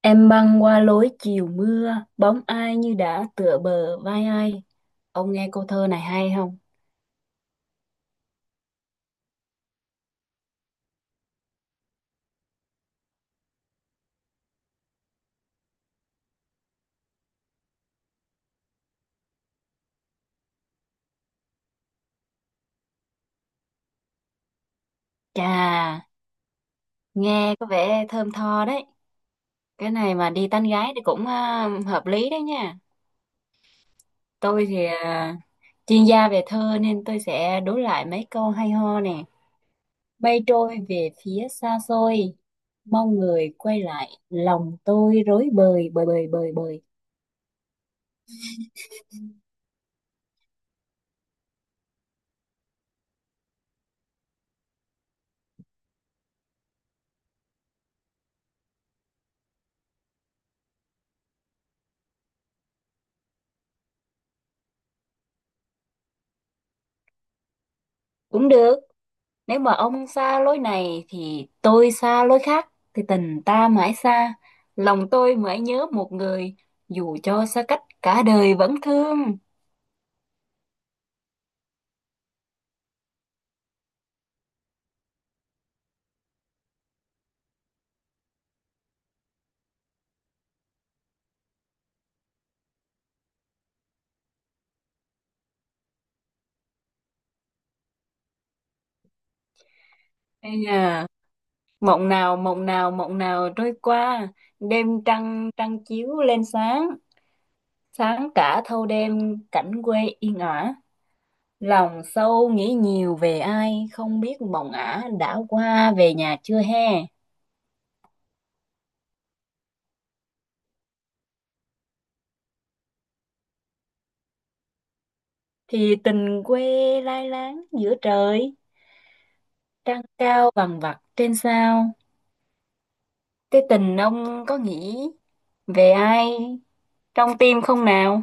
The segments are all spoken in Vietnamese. Em băng qua lối chiều mưa, bóng ai như đã tựa bờ vai ai. Ông nghe câu thơ này hay không? Chà, nghe có vẻ thơm tho đấy. Cái này mà đi tán gái thì cũng hợp lý đấy nha. Tôi thì chuyên gia về thơ nên tôi sẽ đối lại mấy câu hay ho nè. Mây trôi về phía xa xôi, mong người quay lại, lòng tôi rối bời bời bời bời bời. Cũng được. Nếu mà ông xa lối này thì tôi xa lối khác, thì tình ta mãi xa. Lòng tôi mãi nhớ một người, dù cho xa cách cả đời vẫn thương. Ây da, mộng nào, mộng nào, mộng nào trôi qua, đêm trăng, trăng chiếu lên sáng, sáng cả thâu đêm cảnh quê yên ả. Lòng sâu nghĩ nhiều về ai, không biết mộng ả đã qua về nhà chưa he. Thì tình quê lai láng giữa trời. Trăng cao vằng vặc trên sao, cái tình ông có nghĩ về ai trong tim không nào?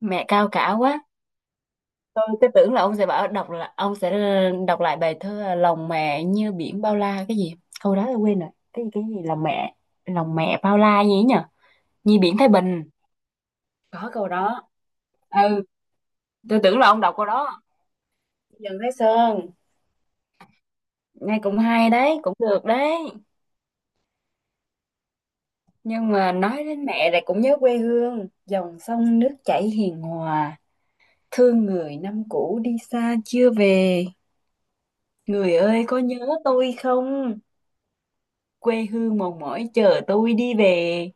Mẹ cao cả quá. Tôi tưởng là ông sẽ bảo đọc, là ông sẽ đọc lại bài thơ lòng mẹ như biển bao la cái gì, câu đó tôi quên rồi, cái gì lòng mẹ, lòng mẹ bao la gì ấy nhở? Như biển Thái Bình, có câu đó. Ừ, tôi tưởng là ông đọc câu đó. Dần Thái Sơn, nghe cũng hay đấy, cũng được đấy. Nhưng mà nói đến mẹ lại cũng nhớ quê hương, dòng sông nước chảy hiền hòa, thương người năm cũ đi xa chưa về. Người ơi có nhớ tôi không? Quê hương mòn mỏi chờ tôi đi về.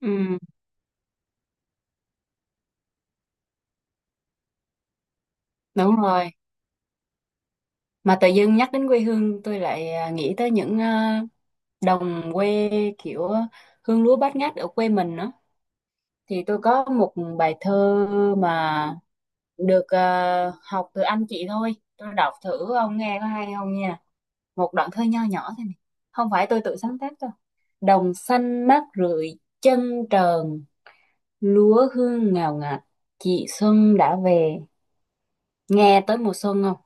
Ừ, đúng rồi. Mà tự dưng nhắc đến quê hương tôi lại nghĩ tới những đồng quê, kiểu hương lúa bát ngát ở quê mình đó. Thì tôi có một bài thơ mà được học từ anh chị thôi. Tôi đọc thử ông nghe có hay không nha. Một đoạn thơ nho nhỏ thôi này, không phải tôi tự sáng tác đâu. Đồng xanh mát rượi chân trần, lúa hương ngào ngạt, chị xuân đã về. Nghe tới mùa xuân không?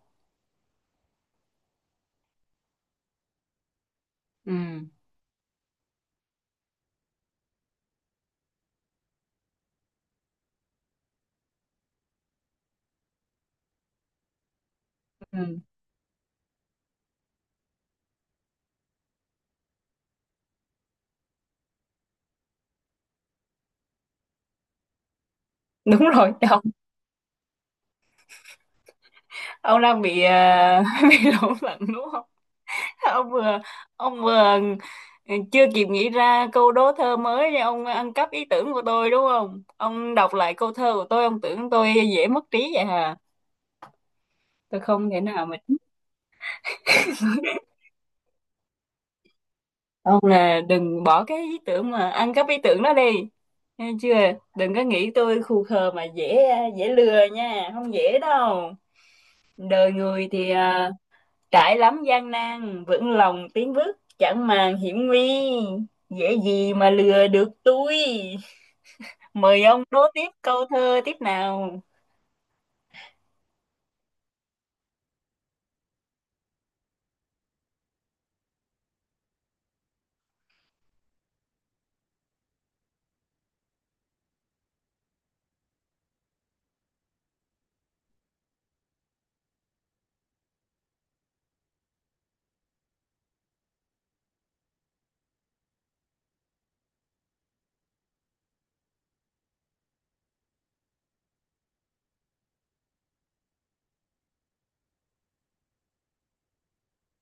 Ừ, ừ. Đúng rồi ông đang bị bị lẫn lẫn đúng không? Ông vừa, ông vừa, ừ, chưa kịp nghĩ ra câu đố thơ mới ông ăn cắp ý tưởng của tôi đúng không? Ông đọc lại câu thơ của tôi, ông tưởng tôi dễ mất trí vậy hả? Tôi không thể nào mà... Ông là đừng bỏ cái ý tưởng mà ăn cắp ý tưởng đó đi. Nghe chưa? Đừng có nghĩ tôi khù khờ mà dễ, dễ lừa nha, không dễ đâu. Đời người thì trải lắm gian nan, vững lòng tiến bước, chẳng màng hiểm nguy. Dễ gì mà lừa được tôi. Mời ông đố tiếp câu thơ tiếp nào.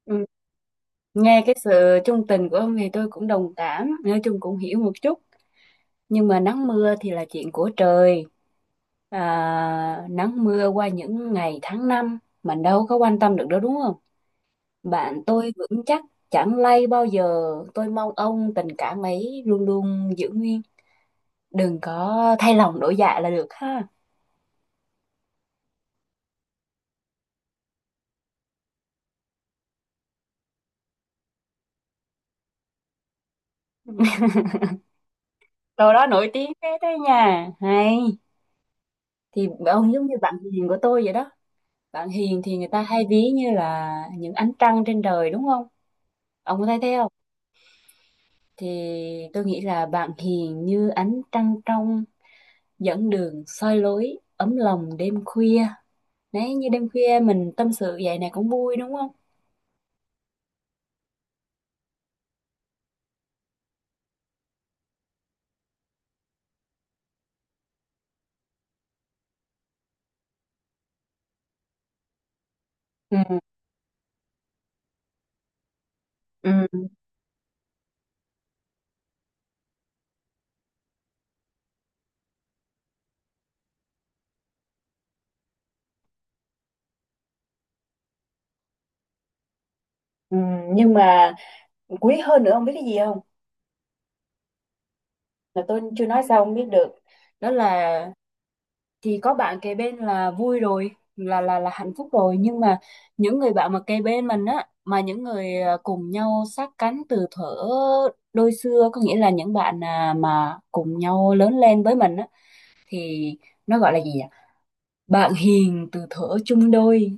Ừ, nghe cái sự trung tình của ông thì tôi cũng đồng cảm, nói chung cũng hiểu một chút. Nhưng mà nắng mưa thì là chuyện của trời, à, nắng mưa qua những ngày tháng năm mình đâu có quan tâm được đâu đúng không? Bạn tôi vững chắc, chẳng lay bao giờ. Tôi mong ông tình cảm ấy luôn luôn giữ nguyên, đừng có thay lòng đổi dạ là được ha. Câu đó nổi tiếng thế đấy nha, hay. Thì ông giống như bạn hiền của tôi vậy đó. Bạn hiền thì người ta hay ví như là những ánh trăng trên trời đúng không, ông có thấy thế không? Thì tôi nghĩ là bạn hiền như ánh trăng trong, dẫn đường soi lối, ấm lòng đêm khuya. Đấy, như đêm khuya mình tâm sự vậy này cũng vui đúng không? Ừ, ừ, ừ. Nhưng mà quý hơn nữa không biết cái gì không? Là tôi chưa nói sao không biết được. Đó là, thì có bạn kề bên là vui rồi, là hạnh phúc rồi, nhưng mà những người bạn mà kề bên mình á, mà những người cùng nhau sát cánh từ thuở đôi xưa, có nghĩa là những bạn mà cùng nhau lớn lên với mình á, thì nó gọi là gì ạ? Bạn hiền từ thuở chung đôi,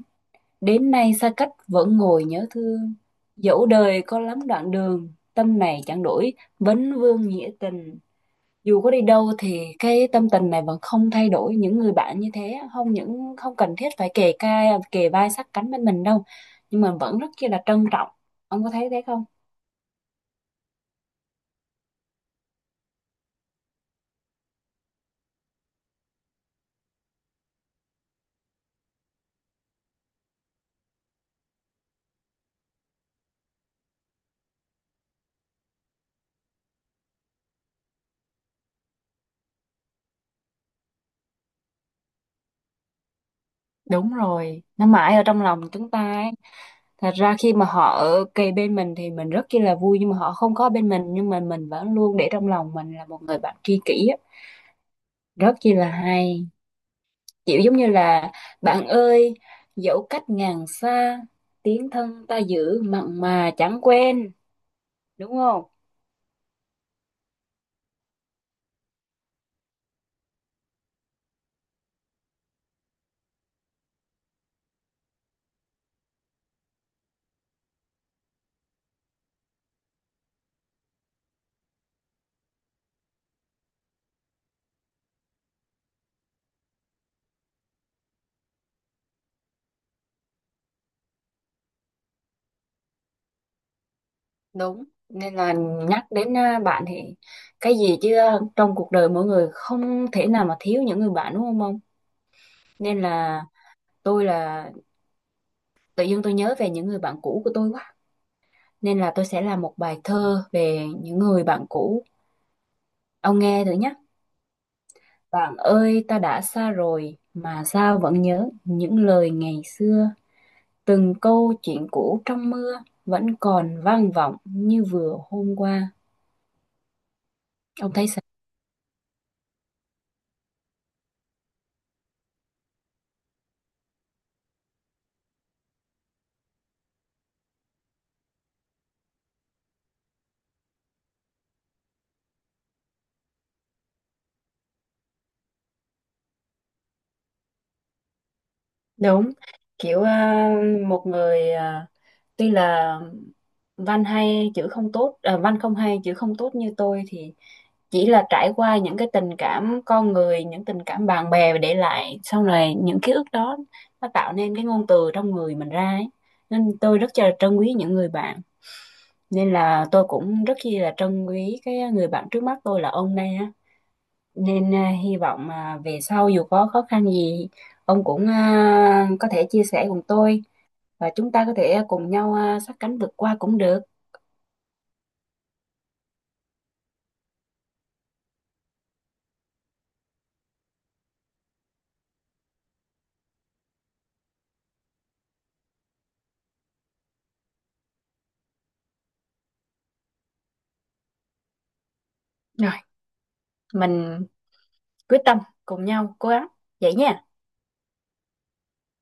đến nay xa cách vẫn ngồi nhớ thương, dẫu đời có lắm đoạn đường tâm này chẳng đổi, vấn vương nghĩa tình. Dù có đi đâu thì cái tâm tình này vẫn không thay đổi, những người bạn như thế không những không cần thiết phải kề vai sát cánh bên mình đâu, nhưng mà vẫn rất chi là trân trọng. Ông có thấy thế không? Đúng rồi, nó mãi ở trong lòng chúng ta ấy. Thật ra khi mà họ ở kề bên mình thì mình rất chi là vui, nhưng mà họ không có bên mình nhưng mà mình vẫn luôn để trong lòng mình là một người bạn tri kỷ á. Rất chi là hay, kiểu giống như là bạn ơi, dẫu cách ngàn xa, tiếng thân ta giữ mặn mà chẳng quên, đúng không? Đúng. Nên là, nhắc đến bạn thì cái gì chứ, trong cuộc đời mỗi người không thể nào mà thiếu những người bạn đúng không ông? Nên là, tôi là, tự dưng tôi nhớ về những người bạn cũ của tôi quá, nên là tôi sẽ làm một bài thơ về những người bạn cũ, ông nghe thử nhé. Bạn ơi ta đã xa rồi, mà sao vẫn nhớ những lời ngày xưa, từng câu chuyện cũ trong mưa vẫn còn vang vọng như vừa hôm qua. Ông thấy? Đúng, kiểu một người tuy là văn hay chữ không tốt, văn không hay chữ không tốt như tôi, thì chỉ là trải qua những cái tình cảm con người, những tình cảm bạn bè để lại sau này những ký ức đó, nó tạo nên cái ngôn từ trong người mình ra ấy. Nên tôi rất là trân quý những người bạn. Nên là tôi cũng rất chi là trân quý cái người bạn trước mắt tôi là ông này, nên hy vọng về sau dù có khó khăn gì ông cũng có thể chia sẻ cùng tôi, và chúng ta có thể cùng nhau sát cánh vượt qua cũng được. Rồi, mình quyết tâm cùng nhau cố gắng vậy nha.